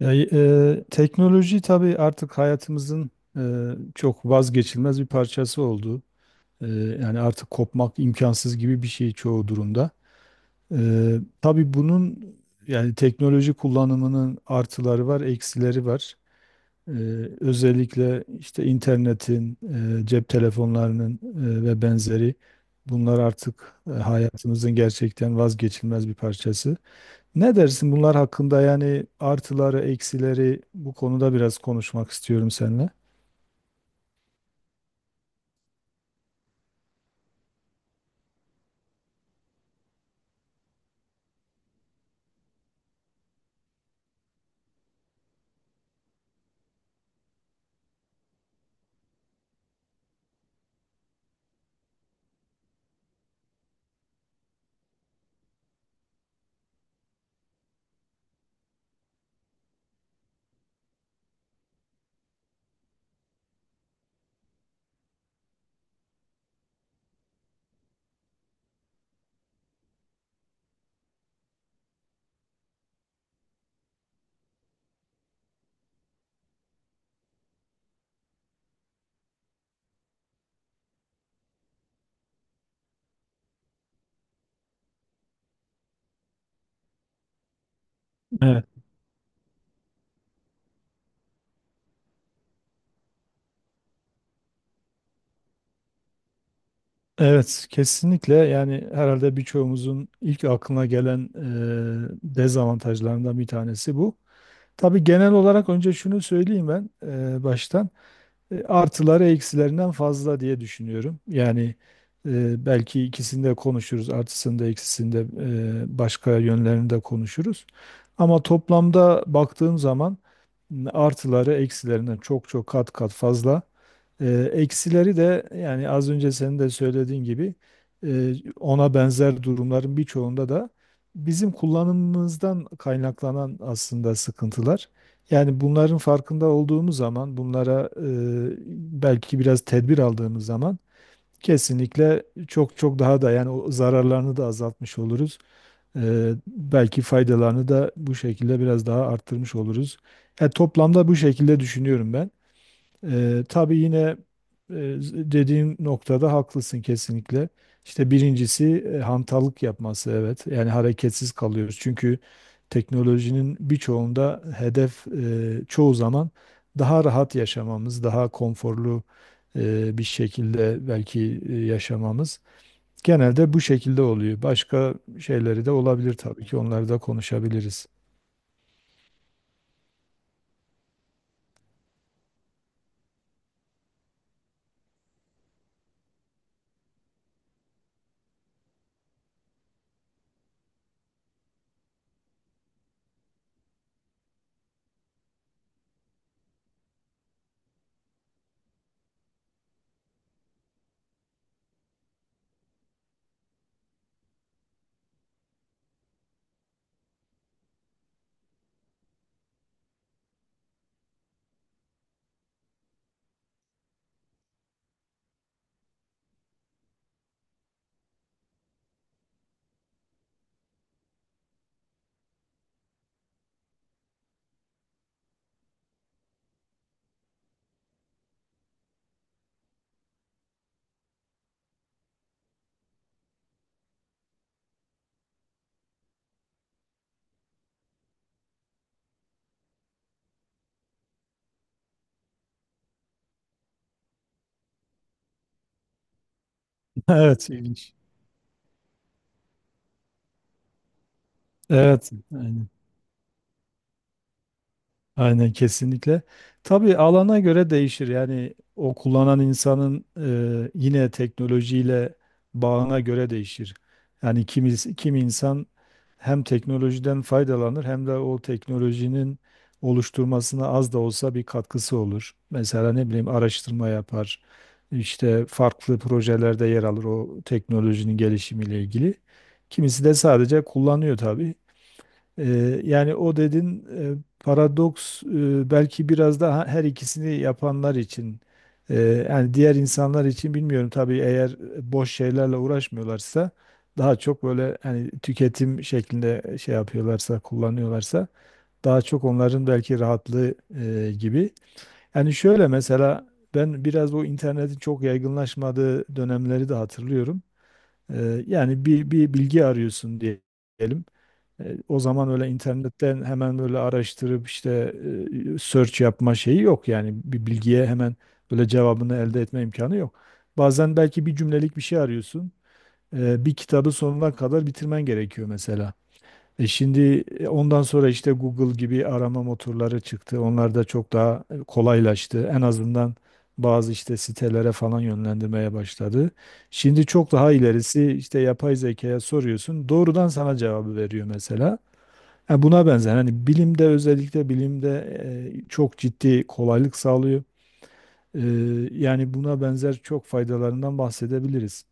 Teknoloji tabii artık hayatımızın e, çok vazgeçilmez bir parçası oldu. E, Yani artık kopmak imkansız gibi bir şey çoğu durumda. E, tabii bunun yani teknoloji kullanımının artıları var, eksileri var. E, Özellikle işte internetin, cep telefonlarının ve benzeri, bunlar artık hayatımızın gerçekten vazgeçilmez bir parçası. Ne dersin bunlar hakkında? Yani artıları, eksileri, bu konuda biraz konuşmak istiyorum seninle. Evet. Evet, kesinlikle yani herhalde birçoğumuzun ilk aklına gelen dezavantajlarından bir tanesi bu. Tabii genel olarak önce şunu söyleyeyim ben, baştan. Artıları eksilerinden fazla diye düşünüyorum. Yani belki ikisini de konuşuruz, artısını da eksisini de, başka yönlerini de konuşuruz. Ama toplamda baktığım zaman, artıları eksilerinden çok çok kat kat fazla. E, Eksileri de yani az önce senin de söylediğin gibi, e, ona benzer durumların birçoğunda da bizim kullanımımızdan kaynaklanan aslında sıkıntılar. Yani bunların farkında olduğumuz zaman, bunlara belki biraz tedbir aldığımız zaman kesinlikle çok çok daha da yani o zararlarını da azaltmış oluruz. Belki faydalarını da bu şekilde biraz daha arttırmış oluruz. Toplamda bu şekilde düşünüyorum ben. Tabii yine e, dediğin noktada haklısın kesinlikle. İşte birincisi hantallık yapması, evet. Yani hareketsiz kalıyoruz. Çünkü teknolojinin birçoğunda hedef, çoğu zaman daha rahat yaşamamız, daha konforlu bir şekilde belki yaşamamız. Genelde bu şekilde oluyor. Başka şeyleri de olabilir tabii ki. Onları da konuşabiliriz. Evet, ilginç. Evet, aynen. Aynen, kesinlikle. Tabii alana göre değişir. Yani o kullanan insanın yine teknolojiyle bağına göre değişir. Yani kimi insan hem teknolojiden faydalanır hem de o teknolojinin oluşturmasına az da olsa bir katkısı olur. Mesela ne bileyim, araştırma yapar, İşte farklı projelerde yer alır o teknolojinin gelişimiyle ilgili. Kimisi de sadece kullanıyor tabii. Yani o dedin, e, paradoks, belki biraz daha her ikisini yapanlar için, e, yani diğer insanlar için bilmiyorum tabii, eğer boş şeylerle uğraşmıyorlarsa, daha çok böyle hani tüketim şeklinde şey yapıyorlarsa, kullanıyorlarsa, daha çok onların belki rahatlığı gibi. Yani şöyle mesela ben biraz bu internetin çok yaygınlaşmadığı dönemleri de hatırlıyorum. Yani bir bilgi arıyorsun diyelim. O zaman öyle internetten hemen böyle araştırıp işte search yapma şeyi yok. Yani bir bilgiye hemen böyle cevabını elde etme imkanı yok. Bazen belki bir cümlelik bir şey arıyorsun. Bir kitabı sonuna kadar bitirmen gerekiyor mesela. Şimdi ondan sonra işte Google gibi arama motorları çıktı. Onlar da çok daha kolaylaştı. En azından bazı işte sitelere falan yönlendirmeye başladı. Şimdi çok daha ilerisi, işte yapay zekaya soruyorsun. Doğrudan sana cevabı veriyor mesela. Ha, buna benzer hani bilimde, özellikle bilimde çok ciddi kolaylık sağlıyor. E, Yani buna benzer çok faydalarından bahsedebiliriz.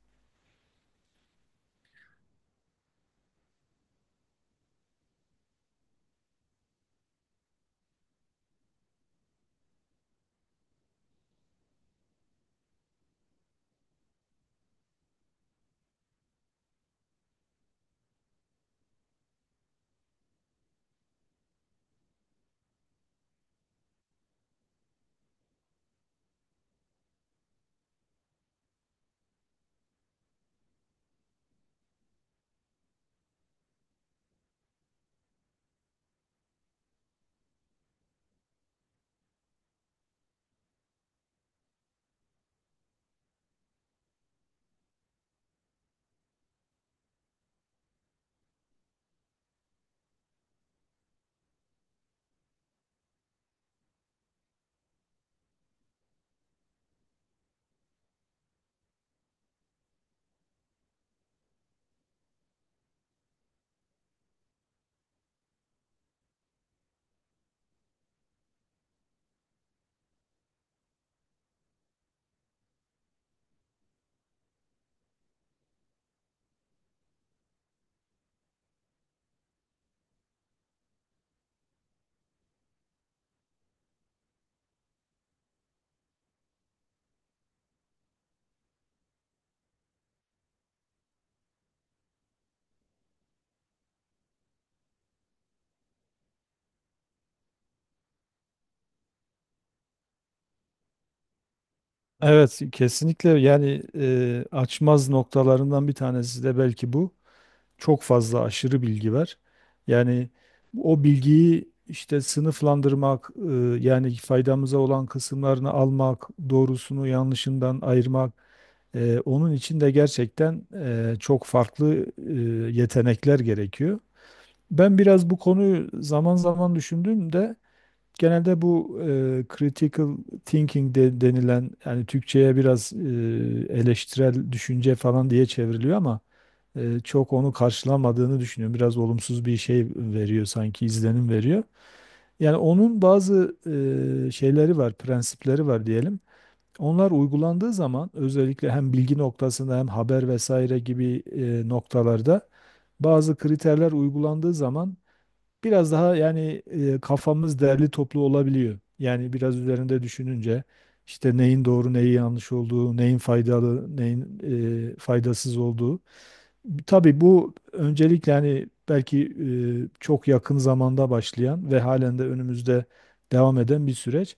Evet kesinlikle, yani açmaz noktalarından bir tanesi de belki bu. Çok fazla aşırı bilgi var. Yani o bilgiyi işte sınıflandırmak, yani faydamıza olan kısımlarını almak, doğrusunu yanlışından ayırmak, onun için de gerçekten çok farklı yetenekler gerekiyor. Ben biraz bu konuyu zaman zaman düşündüğümde, genelde bu critical thinking de denilen, yani Türkçe'ye biraz eleştirel düşünce falan diye çevriliyor ama çok onu karşılamadığını düşünüyorum. Biraz olumsuz bir şey veriyor sanki, izlenim veriyor. Yani onun bazı şeyleri var, prensipleri var diyelim. Onlar uygulandığı zaman, özellikle hem bilgi noktasında hem haber vesaire gibi noktalarda, bazı kriterler uygulandığı zaman biraz daha yani kafamız derli toplu olabiliyor. Yani biraz üzerinde düşününce işte neyin doğru, neyin yanlış olduğu, neyin faydalı, neyin faydasız olduğu. Tabii bu öncelikle hani belki çok yakın zamanda başlayan ve halen de önümüzde devam eden bir süreç.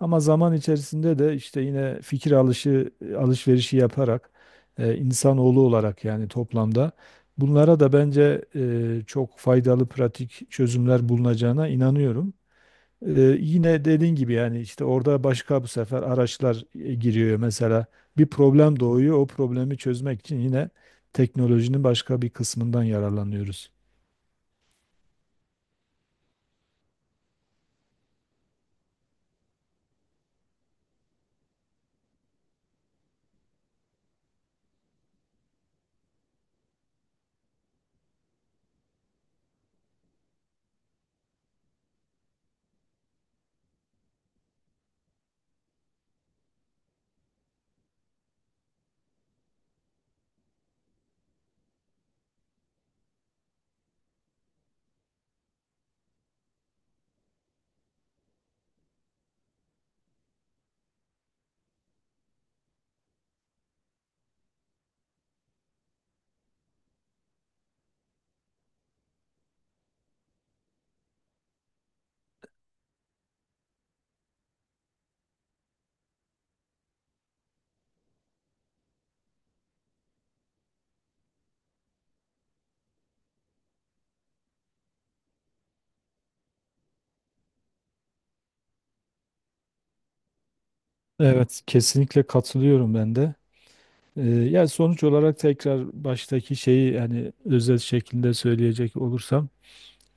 Ama zaman içerisinde de işte yine fikir alışı, alışverişi yaparak, insanoğlu olarak yani toplamda bunlara da bence çok faydalı pratik çözümler bulunacağına inanıyorum. Yine dediğin gibi yani işte orada başka bu sefer araçlar giriyor mesela, bir problem doğuyor, o problemi çözmek için yine teknolojinin başka bir kısmından yararlanıyoruz. Evet kesinlikle katılıyorum ben de. Yani sonuç olarak tekrar baştaki şeyi yani özet şeklinde söyleyecek olursam,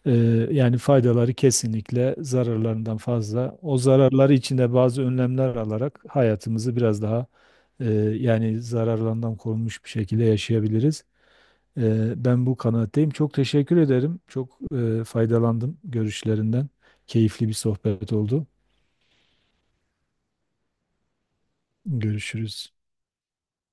Ee, yani faydaları kesinlikle zararlarından fazla. O zararları içinde bazı önlemler alarak hayatımızı biraz daha yani zararlarından korunmuş bir şekilde yaşayabiliriz. Ben bu kanaatteyim. Çok teşekkür ederim. Çok faydalandım görüşlerinden. Keyifli bir sohbet oldu. Görüşürüz.